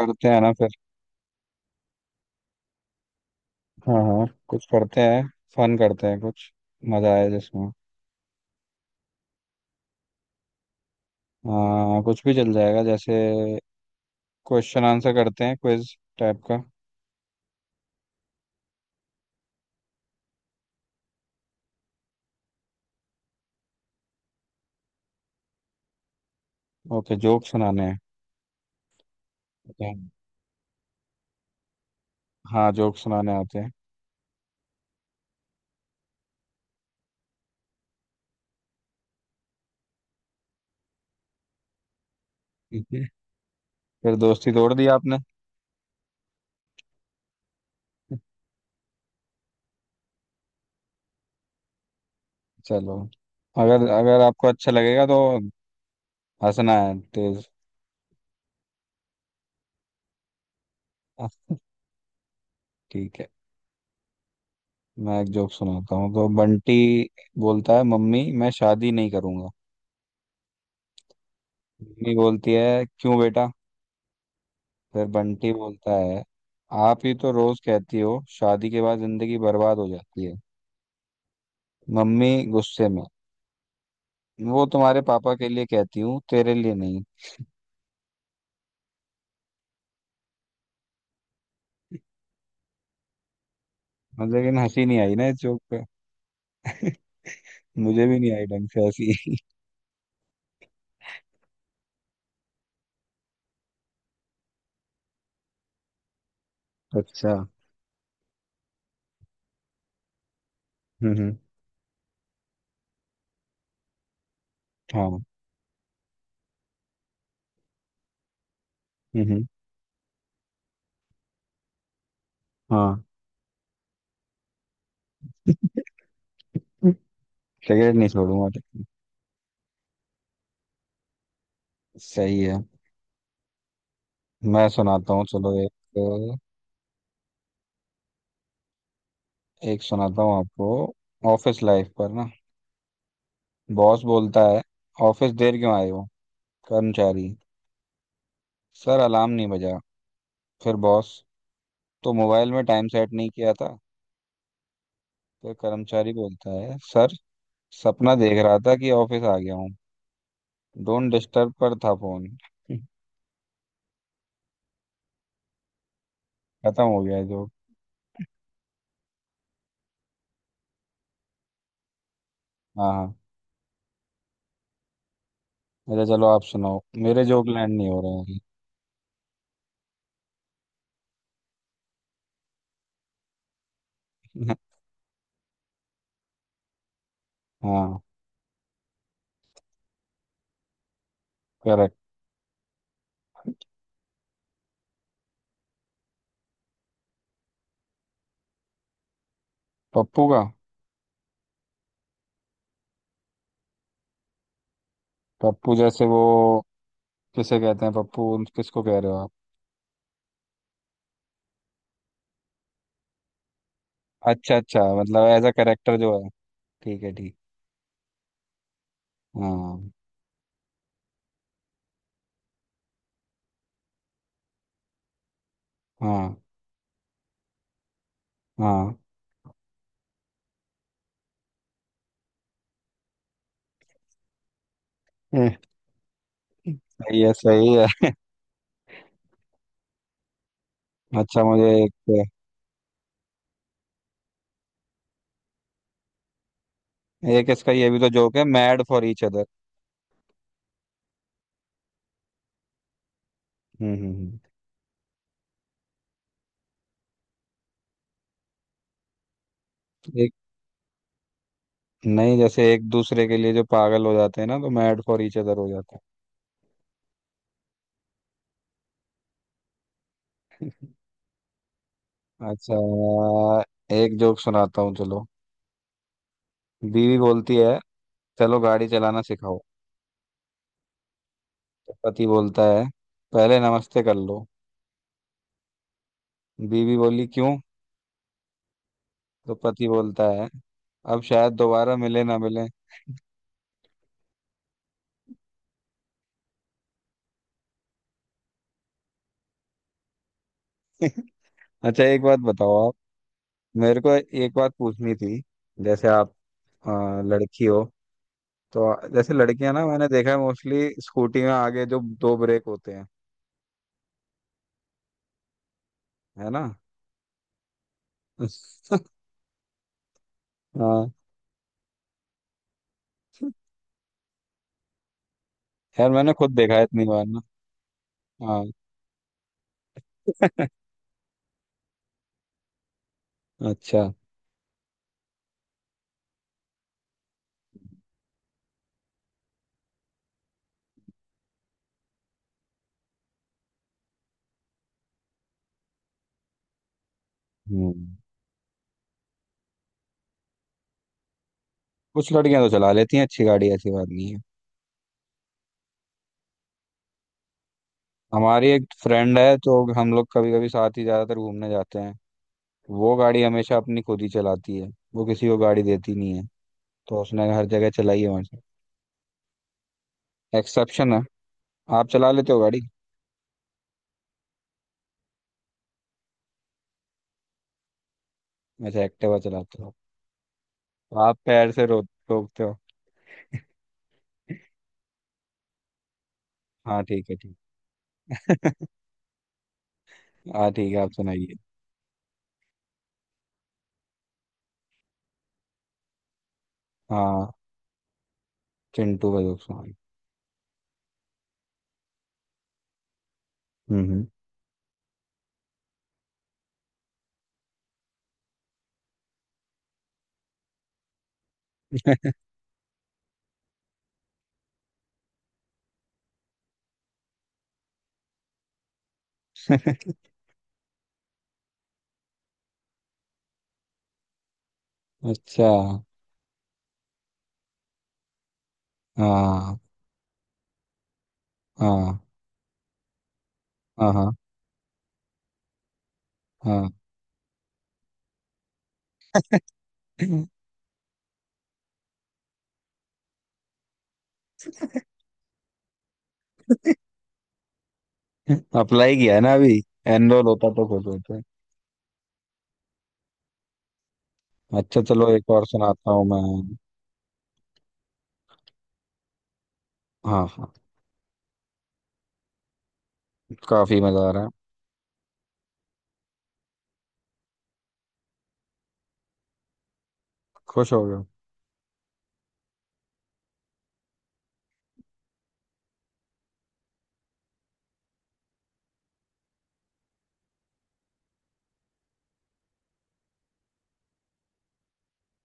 करते हैं ना फिर। हाँ हाँ, कुछ करते हैं। फन करते हैं कुछ। मजा आए जिसमें। हाँ कुछ भी चल जाएगा। जैसे क्वेश्चन आंसर करते हैं, क्विज टाइप का। ओके, जोक सुनाने हैं। Okay. हाँ जोक सुनाने आते हैं। ठीक है। फिर दोस्ती तोड़ दी आपने। चलो अगर अगर आपको अच्छा लगेगा तो हंसना है तेज। ठीक है। मैं एक जोक सुनाता हूँ। तो बंटी बोलता है मम्मी मैं शादी नहीं करूंगा। मम्मी बोलती है क्यों बेटा। फिर बंटी बोलता है आप ही तो रोज कहती हो शादी के बाद जिंदगी बर्बाद हो जाती है। मम्मी गुस्से में, वो तुम्हारे पापा के लिए कहती हूँ तेरे लिए नहीं। मतलब लेकिन हंसी नहीं आई ना इस जोक पे। मुझे भी नहीं आई ढंग से हंसी। अच्छा। हम्म हम्म, हाँ। हम्म हम्म, हाँ। सिगरेट नहीं छोड़ूंगा लेकिन। सही है। मैं सुनाता हूँ चलो एक। एक सुनाता हूँ आपको। ऑफिस लाइफ पर ना, बॉस बोलता है ऑफिस देर क्यों आए हो। कर्मचारी, सर अलार्म नहीं बजा। फिर बॉस, तो मोबाइल में टाइम सेट नहीं किया था। फिर कर्मचारी बोलता है सर, सपना देख रहा था कि ऑफिस आ गया हूँ, डोंट डिस्टर्ब पर था फोन। खत्म हो गया जोक। हाँ हाँ। अच्छा चलो आप सुनाओ। मेरे जोक लैंड नहीं हो रहे हैं। हाँ, करेक्ट। पप्पू का? पप्पू जैसे वो, किसे कहते हैं पप्पू, किसको कह रहे हो आप? अच्छा अच्छा, मतलब एज अ करेक्टर जो है। ठीक है ठीक। हाँ हाँ हाँ। हम्म, सही है सही है। अच्छा मुझे एक, एक इसका ये भी तो जोक है, मैड फॉर ईच अदर। हम्म हम्म हम्म। एक नहीं, जैसे एक दूसरे के लिए जो पागल हो जाते हैं ना तो मैड फॉर ईच अदर हो जाते हैं। अच्छा एक जोक सुनाता हूँ चलो। बीवी बोलती है चलो गाड़ी चलाना सिखाओ। तो पति बोलता है पहले नमस्ते कर लो। बीवी बोली क्यों। तो पति बोलता है अब शायद दोबारा मिले ना मिले। अच्छा एक बात बताओ आप। मेरे को एक बात पूछनी थी। जैसे आप लड़की हो तो, जैसे लड़कियां ना मैंने देखा है मोस्टली स्कूटी में आगे जो दो ब्रेक होते हैं, है ना। हाँ, यार मैंने खुद देखा है इतनी बार ना। हाँ। अच्छा। हम्म। कुछ लड़कियां तो चला लेती हैं अच्छी गाड़ी, ऐसी बात नहीं है। हमारी एक फ्रेंड है तो हम लोग कभी कभी साथ ही ज्यादातर घूमने जाते हैं। वो गाड़ी हमेशा अपनी खुद ही चलाती है। वो किसी को गाड़ी देती नहीं है। तो उसने हर जगह चलाई है वहां से। एक्सेप्शन है। आप चला लेते हो गाड़ी? अच्छा एक्टिवा चलाते हो। आप पैर से रो रोकते हो? हाँ ठीक है ठीक। हाँ ठीक है आप सुनाइए। हाँ चिंटू का जोक सुनाइए। हम्म हम्म। अच्छा। हाँ हाँ हाँ हाँ। हाँ अप्लाई किया है ना अभी, एनरोल होता तो खुश होते। अच्छा चलो एक और सुनाता हूँ मैं। हाँ हाँ, काफी मजा आ रहा है। खुश हो गए?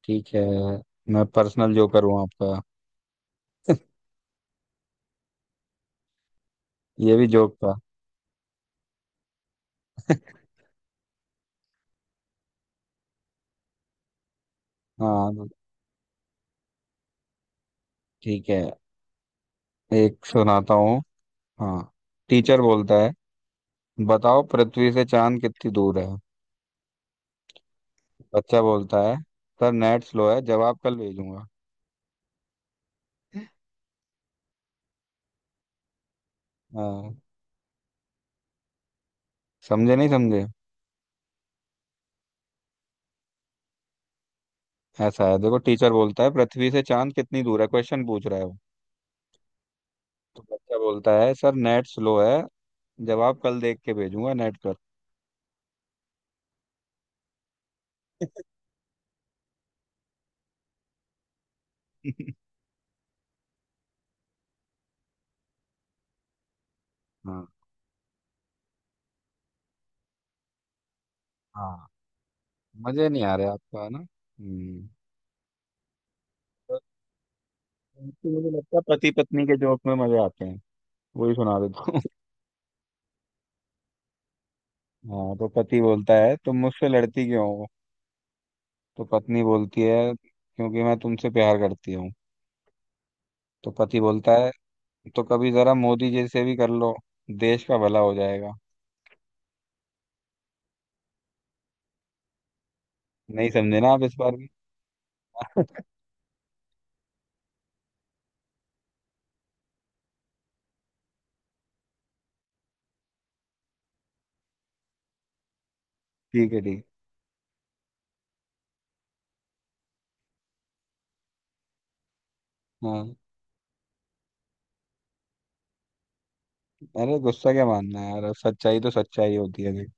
ठीक है, मैं पर्सनल जोकर हूँ आपका। ये भी जोक था। हाँ ठीक है, एक सुनाता हूँ। हाँ टीचर बोलता है बताओ पृथ्वी से चांद कितनी दूर है। बच्चा बोलता है सर नेट स्लो है जवाब कल भेजूंगा। हाँ। समझे नहीं समझे? ऐसा है देखो, टीचर बोलता है पृथ्वी से चांद कितनी दूर है, क्वेश्चन पूछ रहा है वो। तो बच्चा बोलता है सर नेट स्लो है, जवाब कल देख के भेजूंगा नेट पर। हाँ हाँ। मजे नहीं आ रहे आपको है ना हम्म? तो तो मुझे लगता है पति पत्नी के जोक में मजे आते हैं, वही सुना देता हूँ। हाँ तो पति बोलता है तुम मुझसे लड़ती क्यों हो। तो पत्नी बोलती है क्योंकि मैं तुमसे प्यार करती हूँ। तो पति बोलता है, तो कभी जरा मोदी जी से भी कर लो, देश का भला हो जाएगा। नहीं समझे ना आप इस बार भी। ठीक है ठीक। हाँ, अरे गुस्सा क्या मानना है यार, सच्चाई तो सच्चाई होती है देख।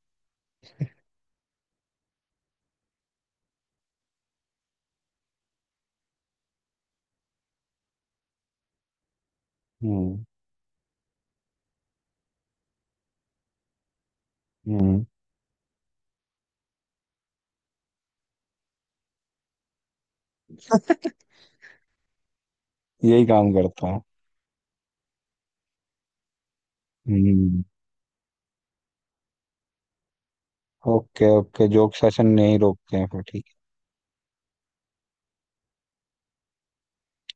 हम्म। हम्म, यही काम करता है। हम्म। ओके ओके, जोक सेशन नहीं रोकते हैं फिर ठीक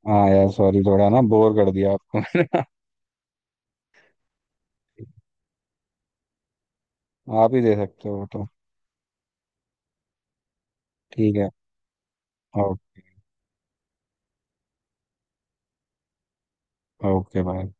है। हाँ यार सॉरी थोड़ा ना बोर कर दिया आपको मैंने। आप ही दे सकते हो वो तो। ठीक है। ओके। Okay bye.